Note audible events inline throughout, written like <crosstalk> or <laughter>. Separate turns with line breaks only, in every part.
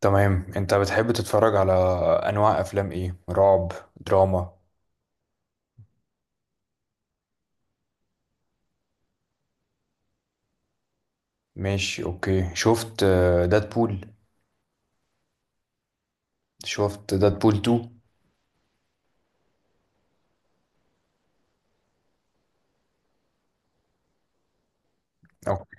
تمام، انت بتحب تتفرج على انواع افلام ايه؟ رعب؟ دراما؟ ماشي، اوكي. شفت دادبول؟ شفت دادبول 2؟ اوكي.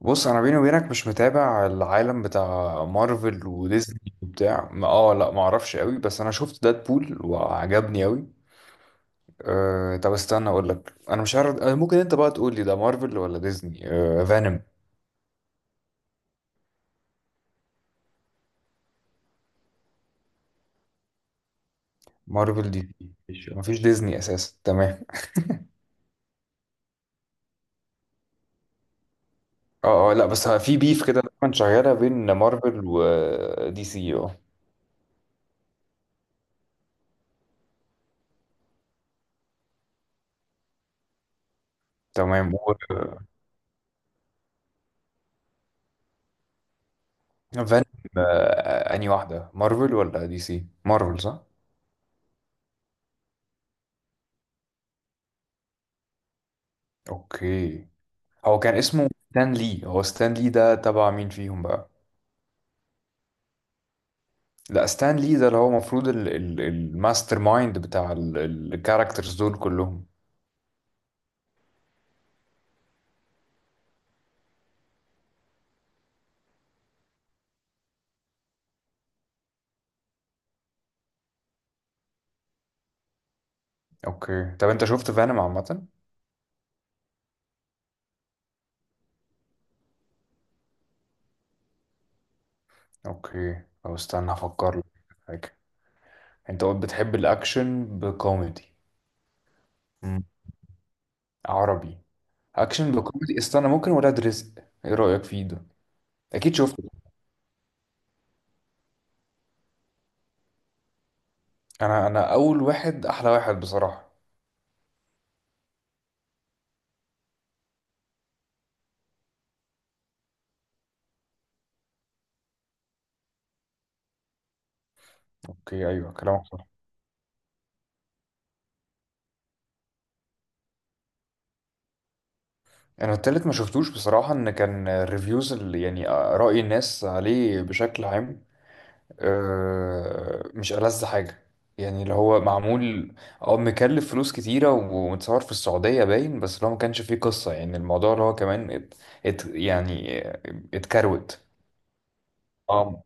بص انا بيني وبينك مش متابع العالم بتاع مارفل وديزني وبتاع ما- اه لا ما اعرفش قوي، بس انا شفت دادبول وعجبني قوي. أه، طب استنى اقول لك انا مش عارف ممكن انت بقى تقول لي ده مارفل ولا ديزني؟ أه فانوم. مارفل دي؟ مفيش ديزني اساسا؟ تمام. اه اه، لا بس في بيف كده دايما شغاله بين مارفل ودي سي اه. تمام و فان انهي واحده، مارفل ولا دي سي؟ مارفل صح؟ اوكي. هو كان اسمه ستان لي. هو ستان لي ده تبع مين فيهم بقى؟ لا، ستان لي ده اللي هو المفروض الماستر مايند بتاع الكاركترز دول كلهم. اوكي، طب انت شفت فانوم عامه؟ اوكي، طب استنى افكر لك في حاجه. انت قلت بتحب الاكشن بكوميدي؟ مم. عربي؟ اكشن بكوميدي. استنى، ممكن ولاد رزق، ايه رايك فيه ده؟ اكيد شفته. انا اول واحد احلى واحد بصراحه. اوكي، ايوه كلامك صح. انا التالت ما شفتوش بصراحه. ان كان الريفيوز اللي يعني راي الناس عليه بشكل عام، مش ألذ حاجه. يعني اللي هو معمول او مكلف فلوس كتيره ومتصور في السعوديه باين، بس اللي هو ما كانش فيه قصه. يعني الموضوع اللي هو كمان ات ات يعني اتكروت. اه.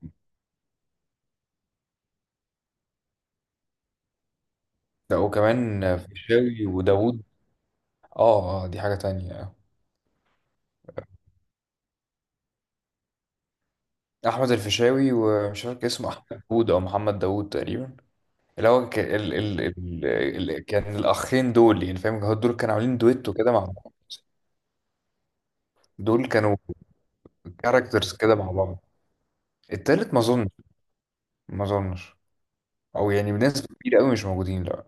ده وكمان في الشاوي وداوود. اه دي حاجة تانية. أحمد الفيشاوي ومش فاكر اسمه أحمد داوود أو محمد داوود تقريبا. اللي هو ك... ال... ال... ال... ال... كان الأخين دول، يعني فاهم، هو دول كانوا عاملين دويتو كده مع بعض. دول كانوا كاركترز كده مع بعض. التالت ما أظنش، ما أظنش. أو يعني بنسبة كبيرة أوي مش موجودين، لا.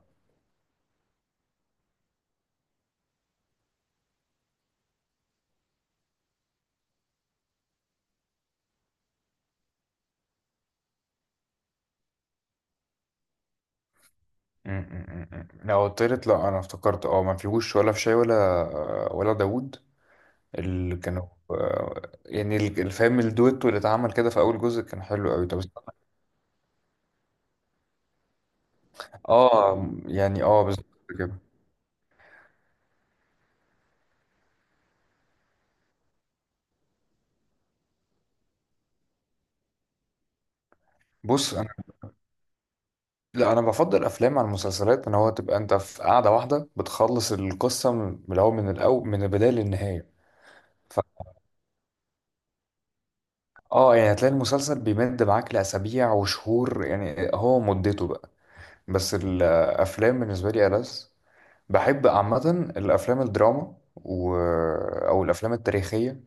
م- م- م- م. لا، هو التالت، لا أنا افتكرت اه ما فيهوش ولا فيشاوي ولا داوود. اللي كانوا يعني الفيلم الدويتو اللي اتعمل كده في أول جزء كان حلو أوي. طب اه، يعني اه بالظبط كده. بص انا، لا انا بفضل افلام عن المسلسلات، ان هو تبقى انت في قاعده واحده بتخلص القصه من الاول، من البدايه للنهايه. ف... اه، يعني هتلاقي المسلسل بيمد معاك لاسابيع وشهور، يعني هو مدته بقى. بس الافلام بالنسبه لي ألذ. بحب عامه الافلام الدراما او الافلام التاريخيه،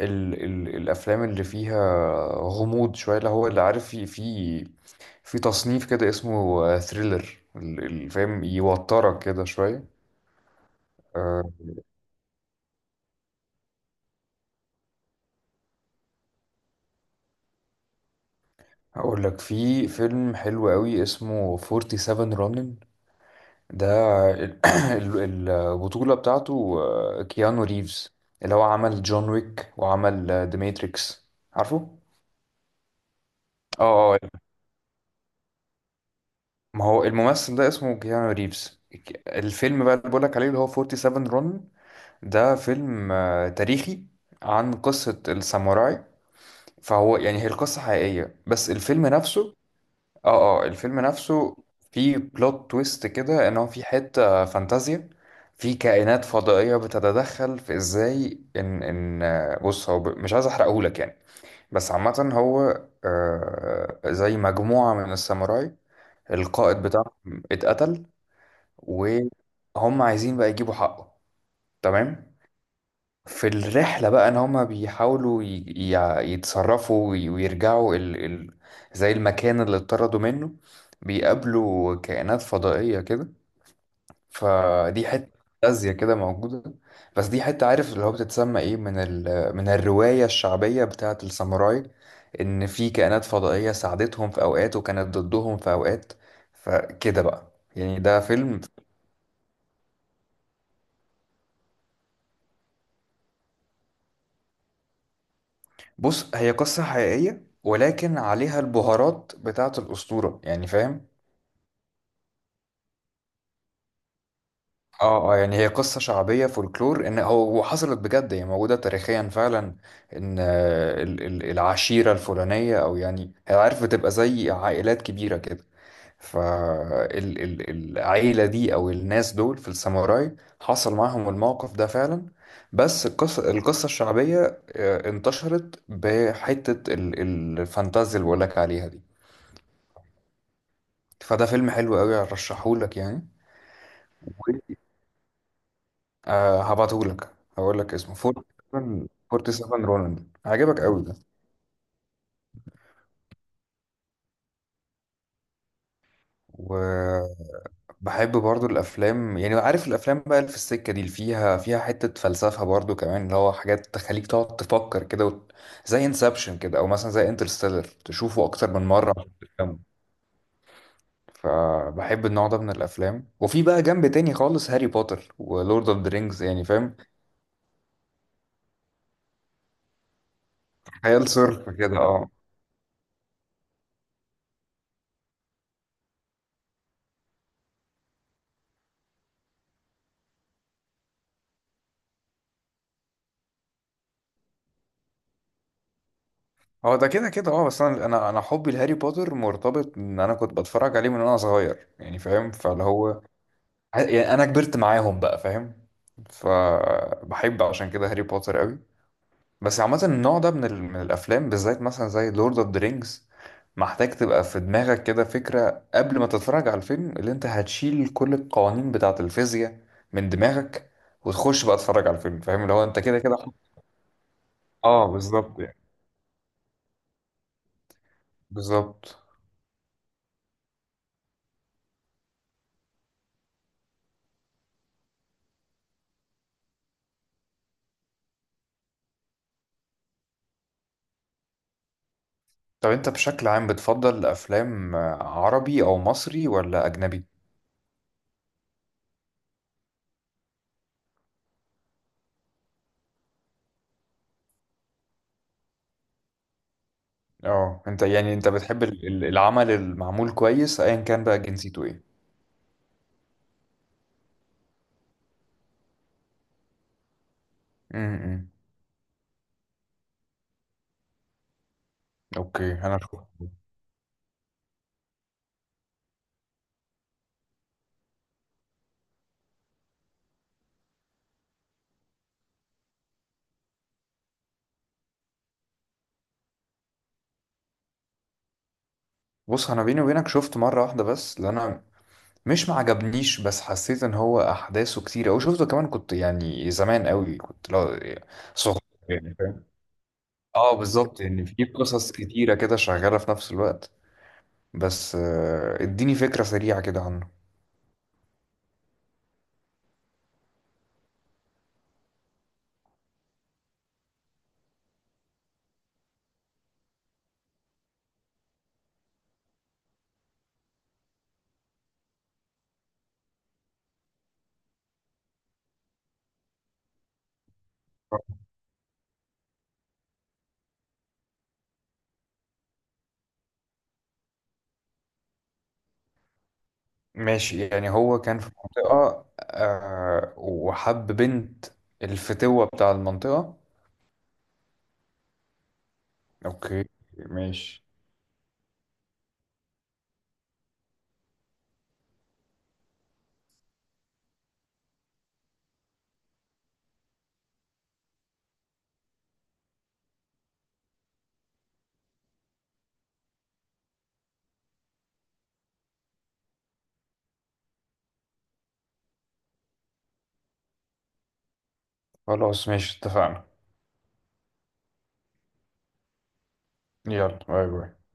ال ال الافلام اللي فيها غموض شويه، اللي هو اللي عارف، في في تصنيف كده اسمه ثريلر، اللي فاهم يوترك كده شويه. آه، هقول لك في فيلم حلو قوي اسمه 47 رونن. ده ال- <coughs> <clears throat> ال- البطوله بتاعته كيانو ريفز، اللي هو عمل جون ويك وعمل ذا ماتريكس، عارفه؟ اه اه، ما هو الممثل ده اسمه كيانو ريفز. الفيلم بقى اللي بقولك عليه اللي هو 47 رون، ده فيلم تاريخي عن قصة الساموراي. فهو يعني، هي القصة حقيقية بس الفيلم نفسه، اه اه الفيلم نفسه فيه بلوت تويست كده، ان هو في حتة فانتازيا. في كائنات فضائية بتتدخل في ازاي ان ان بص هو مش عايز احرقهولك يعني. بس عامة هو زي مجموعة من الساموراي، القائد بتاعهم اتقتل وهم عايزين بقى يجيبوا حقه. تمام. في الرحلة بقى، ان هما بيحاولوا يتصرفوا ويرجعوا زي المكان اللي اتطردوا منه. بيقابلوا كائنات فضائية كده، فدي حتة فانتازيا كده موجودة. بس دي حتة عارف اللي هو بتتسمى ايه، من من الرواية الشعبية بتاعة الساموراي، ان في كائنات فضائية ساعدتهم في اوقات وكانت ضدهم في اوقات. فكده بقى يعني، ده فيلم. بص هي قصة حقيقية ولكن عليها البهارات بتاعة الأسطورة يعني فاهم. اه اه، يعني هي قصة شعبية، فولكلور، ان هو وحصلت بجد، هي موجودة تاريخيا فعلا. ان العشيرة الفلانية، او يعني هي عارف بتبقى زي عائلات كبيرة كده، فالعيلة دي او الناس دول في الساموراي حصل معاهم الموقف ده فعلا. بس القصة، الشعبية انتشرت بحتة الفانتازيا اللي بقولك عليها دي. فده فيلم حلو قوي، ارشحهولك يعني. آه هبعتهولك، هقول لك اسمه 47 رونن، هيعجبك قوي ده. وبحب برضو الافلام، يعني عارف الافلام بقى اللي في السكه دي، اللي فيها فيها حته فلسفه برضو كمان، اللي هو حاجات تخليك تقعد تفكر كده زي انسبشن كده، او مثلا زي انترستيلر، تشوفه اكتر من مره عشان تفهمه. فبحب النوع ده من الافلام، وفي بقى جنب تاني خالص هاري بوتر ولورد اوف ذا رينجز، يعني فاهم. خيال صرف كده اه. هو ده كده كده اه، بس انا حبي لهاري بوتر مرتبط ان انا كنت بتفرج عليه من وانا صغير، يعني فاهم، فاللي هو يعني انا كبرت معاهم بقى فاهم. فبحب عشان كده هاري بوتر قوي. بس عامة النوع ده من من الافلام بالذات، مثلا زي لورد اوف ذا رينجز، محتاج تبقى في دماغك كده فكرة قبل ما تتفرج على الفيلم، اللي انت هتشيل كل القوانين بتاعة الفيزياء من دماغك، وتخش بقى تتفرج على الفيلم، فاهم؟ اللي هو انت كده كده. اه بالظبط يعني، بالظبط. طب انت بشكل عام بتفضل افلام عربي او مصري ولا اجنبي؟ اه انت يعني انت بتحب العمل المعمول كويس، ايا كان بقى جنسيته ايه. امم. اوكي انا شفت. بص انا بيني وبينك شفت مره واحده بس، اللي انا مش معجبنيش، بس حسيت ان هو احداثه كتير، او شفته كمان كنت يعني زمان قوي، كنت لا صغير، يعني فاهم. اه بالظبط، يعني في قصص كتيره كده شغاله في نفس الوقت. بس اديني فكره سريعه كده عنه. ماشي، يعني هو كان في منطقة وحب بنت الفتوة بتاع المنطقة. اوكي، ماشي. خلاص ماشي، اتفقنا. يلا باي باي.